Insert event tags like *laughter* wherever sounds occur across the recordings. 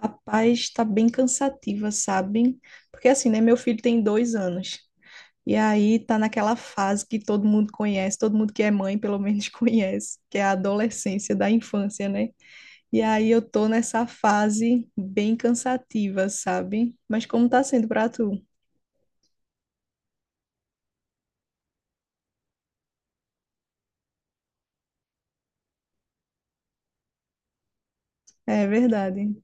Rapaz, tá bem cansativa, sabe? Porque assim, né? Meu filho tem 2 anos. E aí tá naquela fase que todo mundo conhece, todo mundo que é mãe, pelo menos, *laughs* conhece, que é a adolescência da infância, né? E aí eu tô nessa fase bem cansativa, sabe? Mas como tá sendo pra tu? É verdade.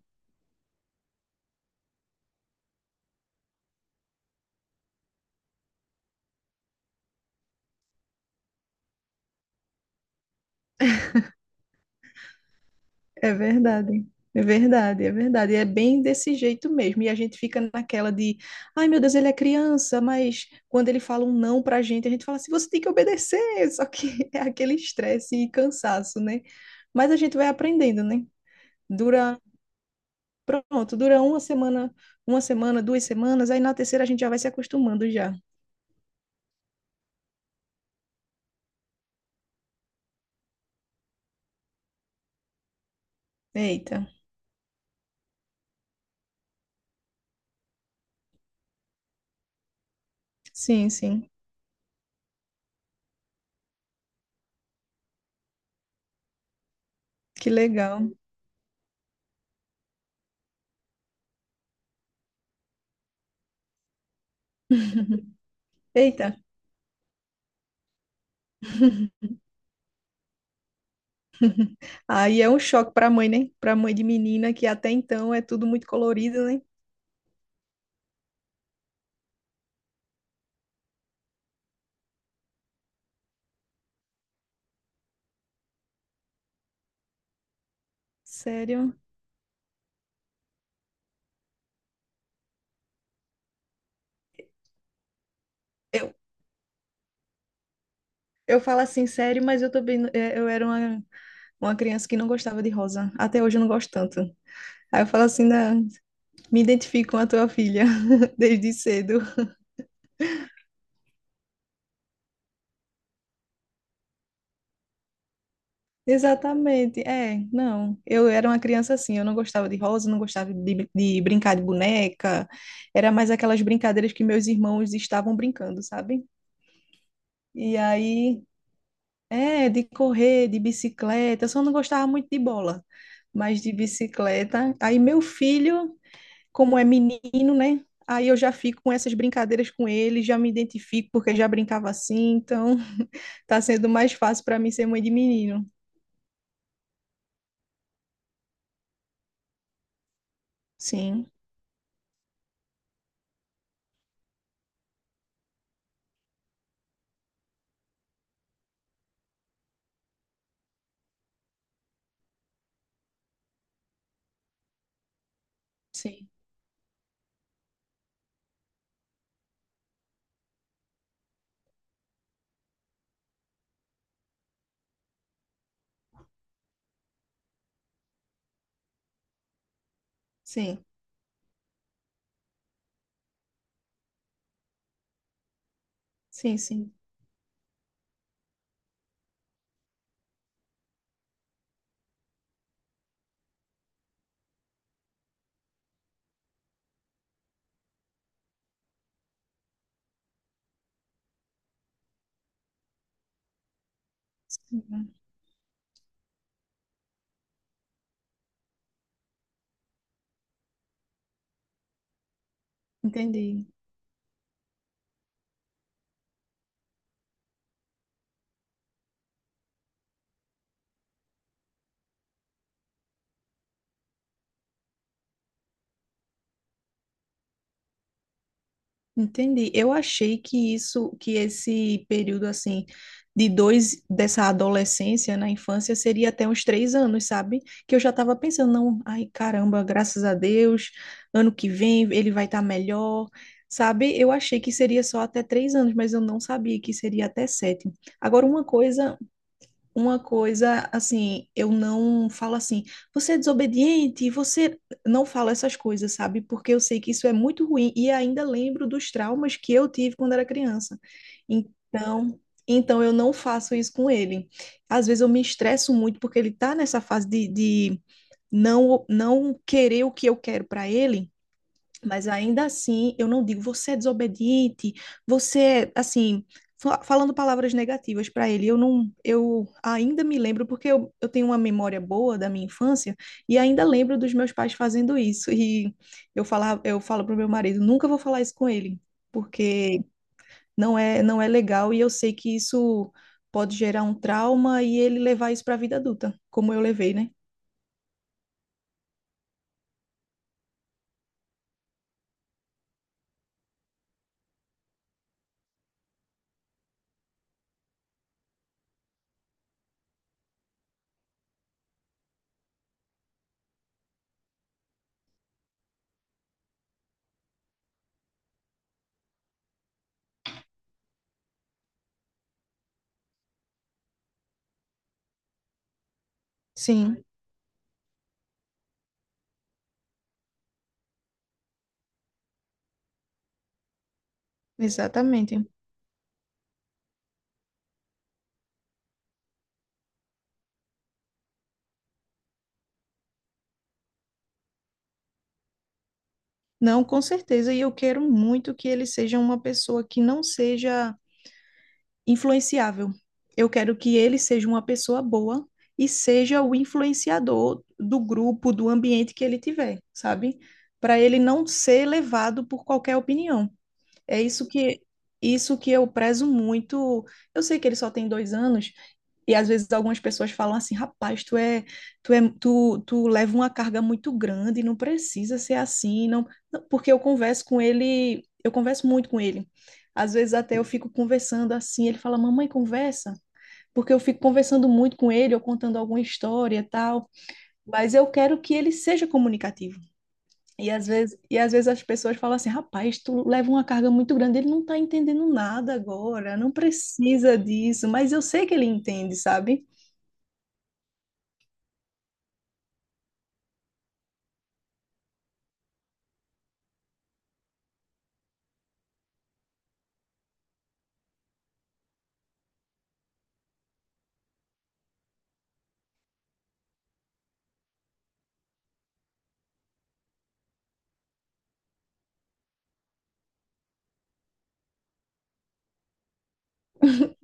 É verdade. É verdade, é verdade. É bem desse jeito mesmo. E a gente fica naquela de, ai meu Deus, ele é criança, mas quando ele fala um não pra gente, a gente fala assim, você tem que obedecer. Só que *laughs* é aquele estresse e cansaço, né? Mas a gente vai aprendendo, né? Dura, pronto, dura uma semana, 2 semanas, aí na terceira a gente já vai se acostumando já. Eita. Sim, sim. Que legal. *laughs* Eita. Aí é um choque para a mãe, né? Para a mãe de menina, que até então é tudo muito colorido, né? Sério. Eu, eu falo assim, sério, mas eu também, é, eu era uma criança que não gostava de rosa. Até hoje eu não gosto tanto. Aí eu falo assim, "Não, me identifico com a tua filha *laughs* desde cedo. Exatamente, é, não. Eu era uma criança assim, eu não gostava de rosa, não gostava de brincar de boneca. Era mais aquelas brincadeiras que meus irmãos estavam brincando, sabe? E aí. É, de correr, de bicicleta. Eu só não gostava muito de bola, mas de bicicleta. Aí meu filho, como é menino, né? Aí eu já fico com essas brincadeiras com ele, já me identifico porque já brincava assim, então *laughs* tá sendo mais fácil para mim ser mãe de menino. Sim, sim, sim, sim, sim, sim. Entendi. Entendi. Eu achei que isso, que esse período assim de dois dessa adolescência na infância seria até uns 3 anos, sabe? Que eu já estava pensando, não, ai caramba, graças a Deus, ano que vem ele vai estar melhor, sabe? Eu achei que seria só até 3 anos, mas eu não sabia que seria até sete. Agora, uma coisa assim, eu não falo assim, você é desobediente, você não falo essas coisas, sabe? Porque eu sei que isso é muito ruim e ainda lembro dos traumas que eu tive quando era criança. Então, então eu não faço isso com ele. Às vezes eu me estresso muito porque ele tá nessa fase de não querer o que eu quero para ele. Mas ainda assim, eu não digo você é desobediente, você, é", assim, falando palavras negativas para ele. Eu não, eu ainda me lembro, porque eu tenho uma memória boa da minha infância e ainda lembro dos meus pais fazendo isso. E eu falava, eu falo pro meu marido, nunca vou falar isso com ele, porque não é legal e eu sei que isso pode gerar um trauma e ele levar isso para a vida adulta, como eu levei, né? Sim, exatamente. Não, com certeza. E eu quero muito que ele seja uma pessoa que não seja influenciável. Eu quero que ele seja uma pessoa boa e seja o influenciador do grupo, do ambiente que ele tiver, sabe? Para ele não ser levado por qualquer opinião. É isso que eu prezo muito. Eu sei que ele só tem 2 anos, e às vezes algumas pessoas falam assim, rapaz, tu leva uma carga muito grande, não precisa ser assim, não, não, porque eu converso com ele, eu converso muito com ele. Às vezes até eu fico conversando assim, ele fala, mamãe, conversa, porque eu fico conversando muito com ele, eu contando alguma história e tal, mas eu quero que ele seja comunicativo. E às vezes as pessoas falam assim, rapaz, tu leva uma carga muito grande, ele não tá entendendo nada agora, não precisa disso, mas eu sei que ele entende, sabe?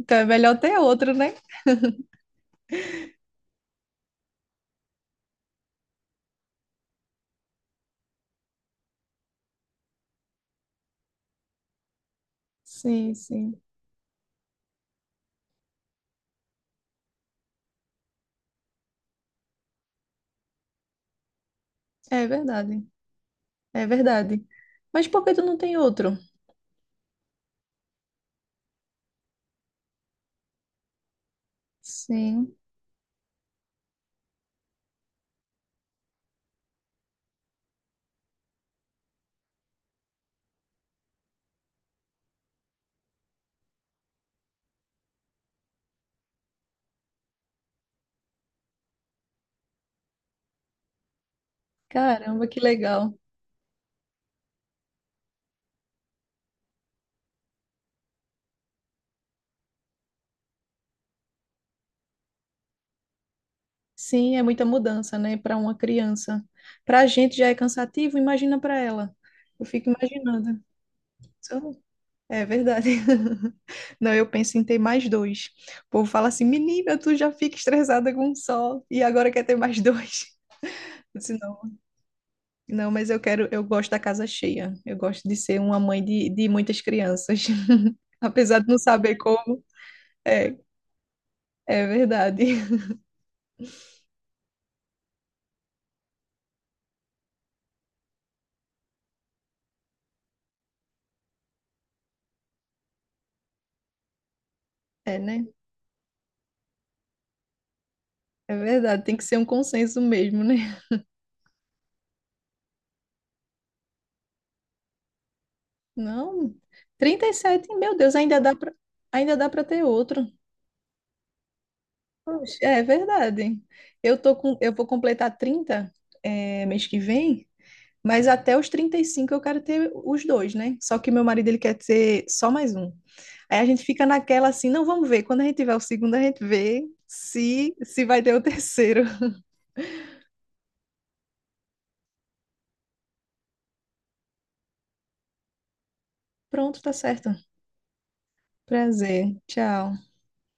Então é melhor ter outro, né? Sim, sim. É verdade. É verdade. Mas por que tu não tem outro? Sim. Caramba, que legal. Sim, é muita mudança, né, para uma criança. Para a gente já é cansativo, imagina para ela. Eu fico imaginando. Então, é verdade. *laughs* Não, eu penso em ter mais dois. O povo fala assim, menina, tu já fica estressada com um só e agora quer ter mais dois. *laughs* Eu disse, não. Não, mas eu quero, eu gosto da casa cheia. Eu gosto de ser uma mãe de muitas crianças. *laughs* Apesar de não saber como, é, é verdade. É, né? É verdade, tem que ser um consenso mesmo, né? Não, 37. Meu Deus, ainda dá pra, ainda dá para ter outro. Poxa, é verdade. Eu vou completar 30, é, mês que vem. Mas até os 35 eu quero ter os dois, né? Só que meu marido ele quer ter só mais um. Aí a gente fica naquela assim, não, vamos ver. Quando a gente tiver o segundo, a gente vê se vai ter o terceiro. *laughs* Pronto, tá certo. Prazer. Tchau.